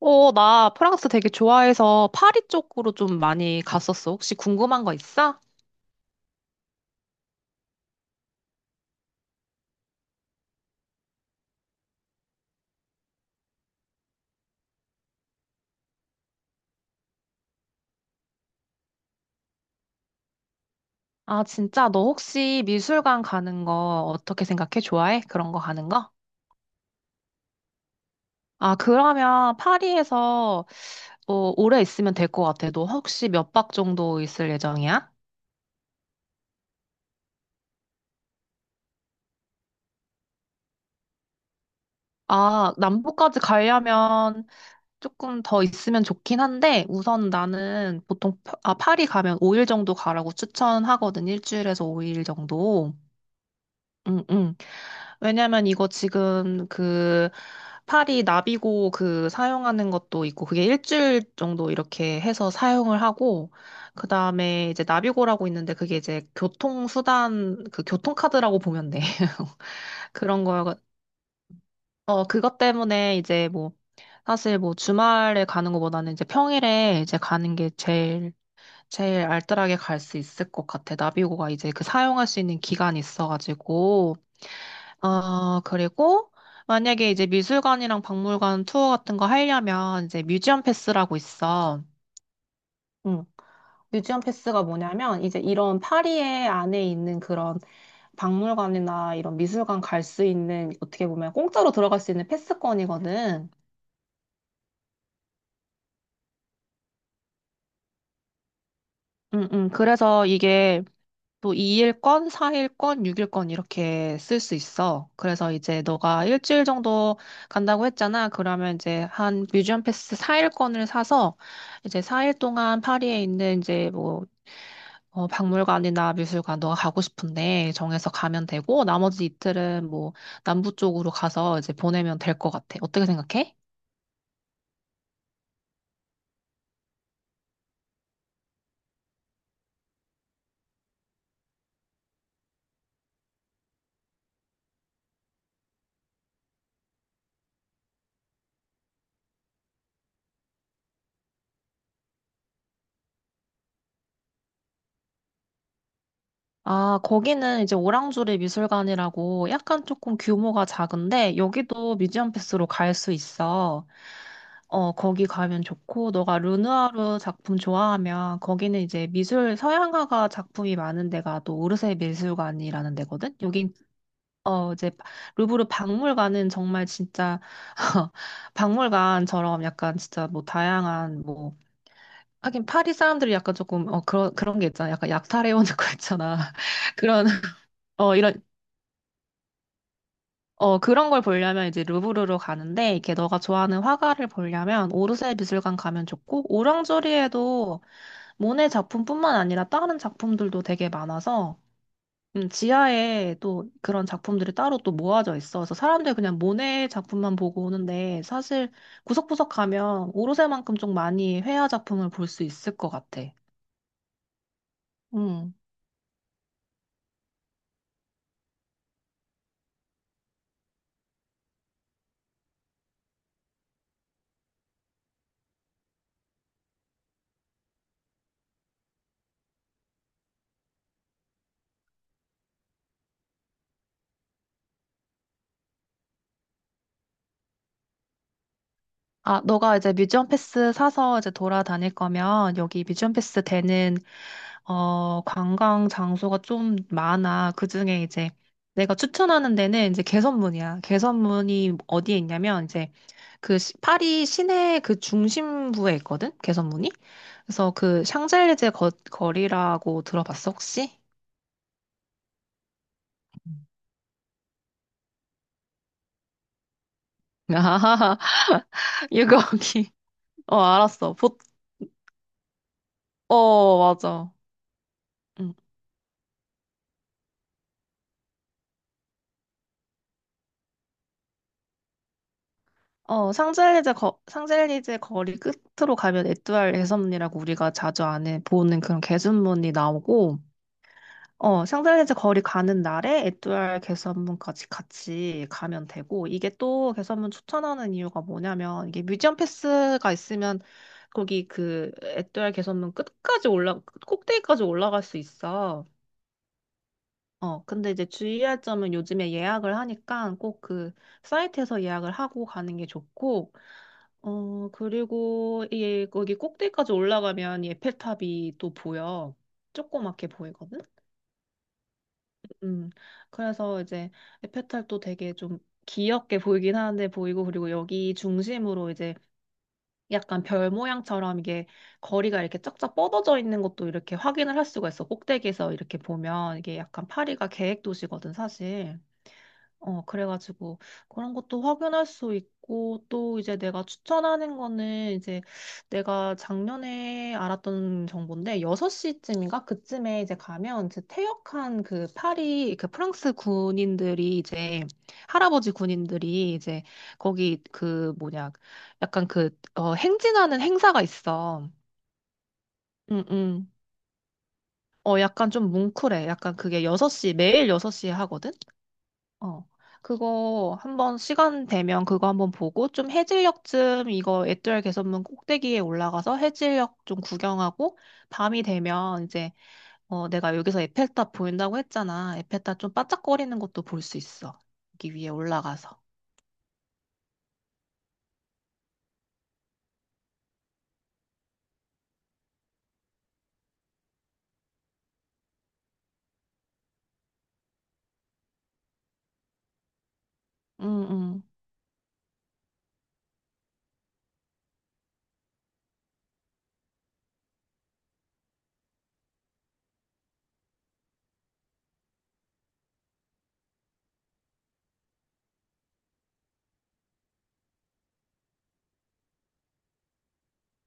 나 프랑스 되게 좋아해서 파리 쪽으로 좀 많이 갔었어. 혹시 궁금한 거 있어? 아, 진짜? 너 혹시 미술관 가는 거 어떻게 생각해? 좋아해? 그런 거 가는 거? 아, 그러면 파리에서 오래 있으면 될 것 같아. 너 혹시 몇 박 정도 있을 예정이야? 아, 남부까지 가려면 조금 더 있으면 좋긴 한데, 우선 나는 보통, 아, 파리 가면 5일 정도 가라고 추천하거든. 일주일에서 5일 정도. 응, 응. 왜냐면 이거 지금 그 파리 나비고 그 사용하는 것도 있고 그게 일주일 정도 이렇게 해서 사용을 하고 그 다음에 이제 나비고라고 있는데 그게 이제 교통수단 그 교통카드라고 보면 돼. 그런 거요. 그것 때문에 이제 뭐 사실 뭐 주말에 가는 것보다는 이제 평일에 이제 가는 게 제일 알뜰하게 갈 수 있을 것 같아. 나비고가 이제 그 사용할 수 있는 기간이 있어가지고. 그리고 만약에 이제 미술관이랑 박물관 투어 같은 거 하려면 이제 뮤지엄 패스라고 있어. 응. 뮤지엄 패스가 뭐냐면 이제 이런 파리에 안에 있는 그런 박물관이나 이런 미술관 갈 수 있는 어떻게 보면 공짜로 들어갈 수 있는 패스권이거든. 응, 응. 그래서 이게 또 2일권, 4일권, 6일권 이렇게 쓸 수 있어. 그래서 이제 너가 일주일 정도 간다고 했잖아. 그러면 이제 한 뮤지엄 패스 4일권을 사서 이제 4일 동안 파리에 있는 이제 뭐 박물관이나 미술관 너가 가고 싶은데 정해서 가면 되고 나머지 이틀은 뭐 남부 쪽으로 가서 이제 보내면 될 것 같아. 어떻게 생각해? 아, 거기는 이제 오랑주리 미술관이라고 약간 조금 규모가 작은데 여기도 뮤지엄 패스로 갈 수 있어. 거기 가면 좋고 너가 르누아르 작품 좋아하면 거기는 이제 미술 서양화가 작품이 많은 데가 또 오르세 미술관이라는 데거든. 여긴 이제 루브르 박물관은 정말 진짜 박물관처럼 약간 진짜 뭐 다양한 뭐 하긴 파리 사람들이 약간 조금 그런 게 있잖아. 약간 약탈해 오는 거 있잖아. 그런 어, 이런, 어, 그런 걸 보려면 이제 루브르로 가는데, 이렇게 너가 좋아하는 화가를 보려면 오르세 미술관 가면 좋고, 오랑조리에도 모네 작품뿐만 아니라 다른 작품들도 되게 많아서, 지하에 또 그런 작품들이 따로 또 모아져 있어. 그래서 사람들 그냥 모네 작품만 보고 오는데, 사실 구석구석 가면 오르세만큼 좀 많이 회화 작품을 볼 수 있을 것 같아. 음. 아, 너가 이제 뮤지엄 패스 사서 이제 돌아다닐 거면 여기 뮤지엄 패스 되는 관광 장소가 좀 많아. 그중에 이제 내가 추천하는 데는 이제 개선문이야. 개선문이 어디에 있냐면 이제 그 파리 시내 그 중심부에 있거든. 개선문이. 그래서 그 샹젤리제 거리라고 들어봤어, 혹시? 아, 이거 거기. 알았어. 맞아. 응. 상젤리제 상젤리제 거리 끝으로 가면 에뚜알 개선문이라고 우리가 자주 안에 보는 그런 개선문이 나오고, 상젤리제 거리 가는 날에 에뚜알 개선문까지 같이 가면 되고, 이게 또 개선문 추천하는 이유가 뭐냐면, 이게 뮤지엄 패스가 있으면 거기 그 에뚜알 개선문 끝까지 꼭대기까지 올라갈 수 있어. 근데 이제 주의할 점은 요즘에 예약을 하니까 꼭 그 사이트에서 예약을 하고 가는 게 좋고, 그리고 이 거기 꼭대기까지 올라가면 이 에펠탑이 또 보여. 조그맣게 보이거든? 음, 그래서 이제 에펠탑도 되게 좀 귀엽게 보이긴 하는데 보이고, 그리고 여기 중심으로 이제 약간 별 모양처럼 이게 거리가 이렇게 쫙쫙 뻗어져 있는 것도 이렇게 확인을 할 수가 있어. 꼭대기에서 이렇게 보면 이게 약간 파리가 계획 도시거든, 사실. 그래가지고 그런 것도 확인할 수 있고 또 이제 내가 추천하는 거는 이제 내가 작년에 알았던 정보인데 6시쯤인가 그쯤에 이제 가면 이제 퇴역한 그 파리 그 프랑스 군인들이 이제 할아버지 군인들이 이제 거기 그 뭐냐 약간 그 행진하는 행사가 있어. 응, 응. 약간 좀 뭉클해. 약간 그게 여섯 시 매일 6시에 하거든? 어, 그거 한번 시간 되면 그거 한번 보고 좀 해질녘쯤 이거 애알 개선문 꼭대기에 올라가서 해질녘 좀 구경하고 밤이 되면 이제 내가 여기서 에펠탑 보인다고 했잖아. 에펠탑 좀 반짝거리는 것도 볼 수 있어. 여기 위에 올라가서. 응, 응.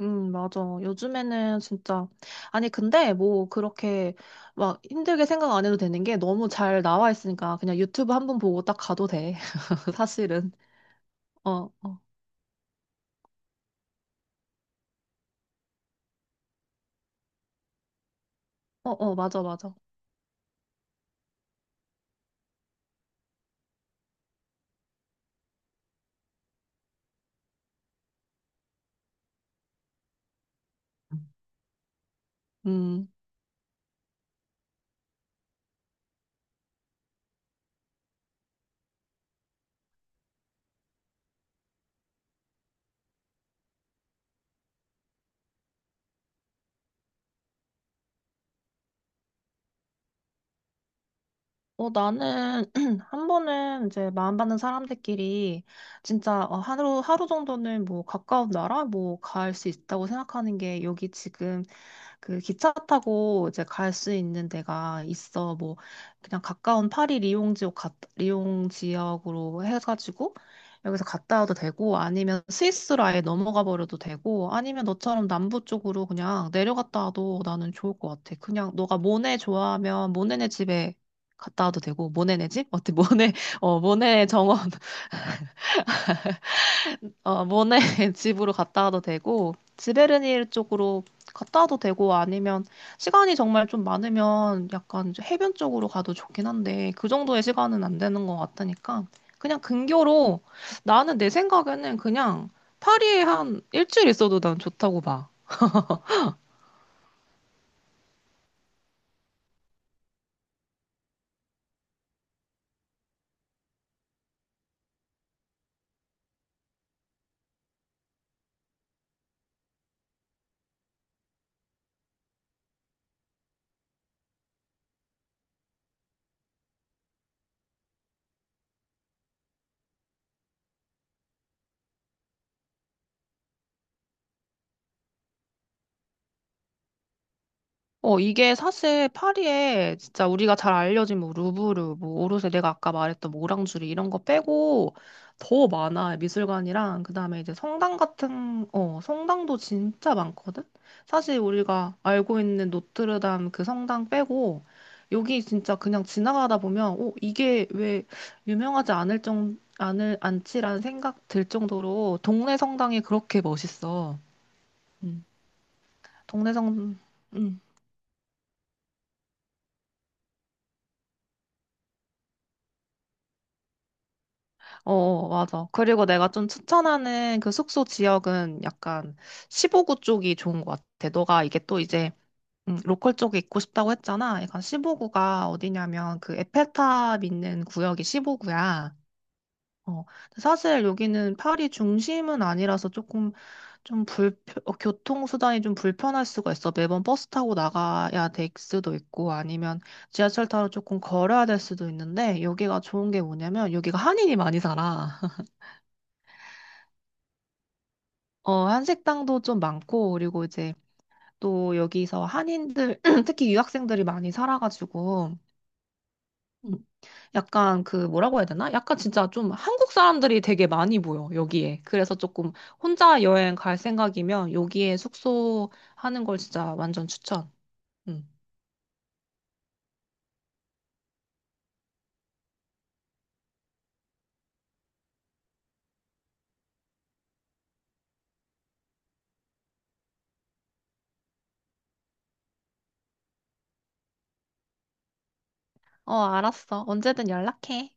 응, 맞아. 요즘에는 진짜. 아니, 근데 뭐 그렇게 막 힘들게 생각 안 해도 되는 게 너무 잘 나와 있으니까 그냥 유튜브 한번 보고 딱 가도 돼. 사실은. 어, 어, 맞아, 맞아. 음, 나는 한 번은 이제 마음 받는 사람들끼리 진짜 하루 정도는 뭐 가까운 나라 뭐 갈 수 있다고 생각하는 게 여기 지금 그 기차 타고 이제 갈 수 있는 데가 있어. 뭐 그냥 가까운 파리 리옹 지역, 리옹 지역으로 해가지고 여기서 갔다 와도 되고 아니면 스위스로 아예 넘어가 버려도 되고 아니면 너처럼 남부 쪽으로 그냥 내려갔다 와도 나는 좋을 것 같아. 그냥 너가 모네 좋아하면 모네네 집에 갔다 와도 되고 모네네 집? 어때 모네 모네 정원 모네 집으로 갔다 와도 되고 지베르니르 쪽으로 갔다 와도 되고 아니면 시간이 정말 좀 많으면 약간 이제 해변 쪽으로 가도 좋긴 한데 그 정도의 시간은 안 되는 것 같으니까 그냥 근교로 나는 내 생각에는 그냥 파리에 한 일주일 있어도 난 좋다고 봐. 이게 사실 파리에 진짜 우리가 잘 알려진 뭐 루브르, 뭐 오르세 내가 아까 말했던 뭐 오랑주리 이런 거 빼고 더 많아. 미술관이랑 그다음에 이제 성당 같은 성당도 진짜 많거든. 사실 우리가 알고 있는 노트르담 그 성당 빼고 여기 진짜 그냥 지나가다 보면 이게 왜 유명하지 않을 정 않을 않지라는 생각 들 정도로 동네 성당이 그렇게 멋있어. 음. 동네 성 음. 맞아. 그리고 내가 좀 추천하는 그 숙소 지역은 약간 15구 쪽이 좋은 것 같아. 너가 이게 또 이제 로컬 쪽에 있고 싶다고 했잖아. 약간 15구가 어디냐면 그 에펠탑 있는 구역이 15구야. 어, 근데 사실 여기는 파리 중심은 아니라서 조금 좀 불, 교통수단이 좀 불편할 수가 있어. 매번 버스 타고 나가야 될 수도 있고 아니면 지하철 타러 조금 걸어야 될 수도 있는데 여기가 좋은 게 뭐냐면 여기가 한인이 많이 살아. 한식당도 좀 많고, 그리고 이제 또 여기서 한인들, 특히 유학생들이 많이 살아가지고, 음, 약간 그 뭐라고 해야 되나? 약간 진짜 좀 한국 사람들이 되게 많이 보여, 여기에. 그래서 조금 혼자 여행 갈 생각이면 여기에 숙소 하는 걸 진짜 완전 추천. 음. 알았어. 언제든 연락해.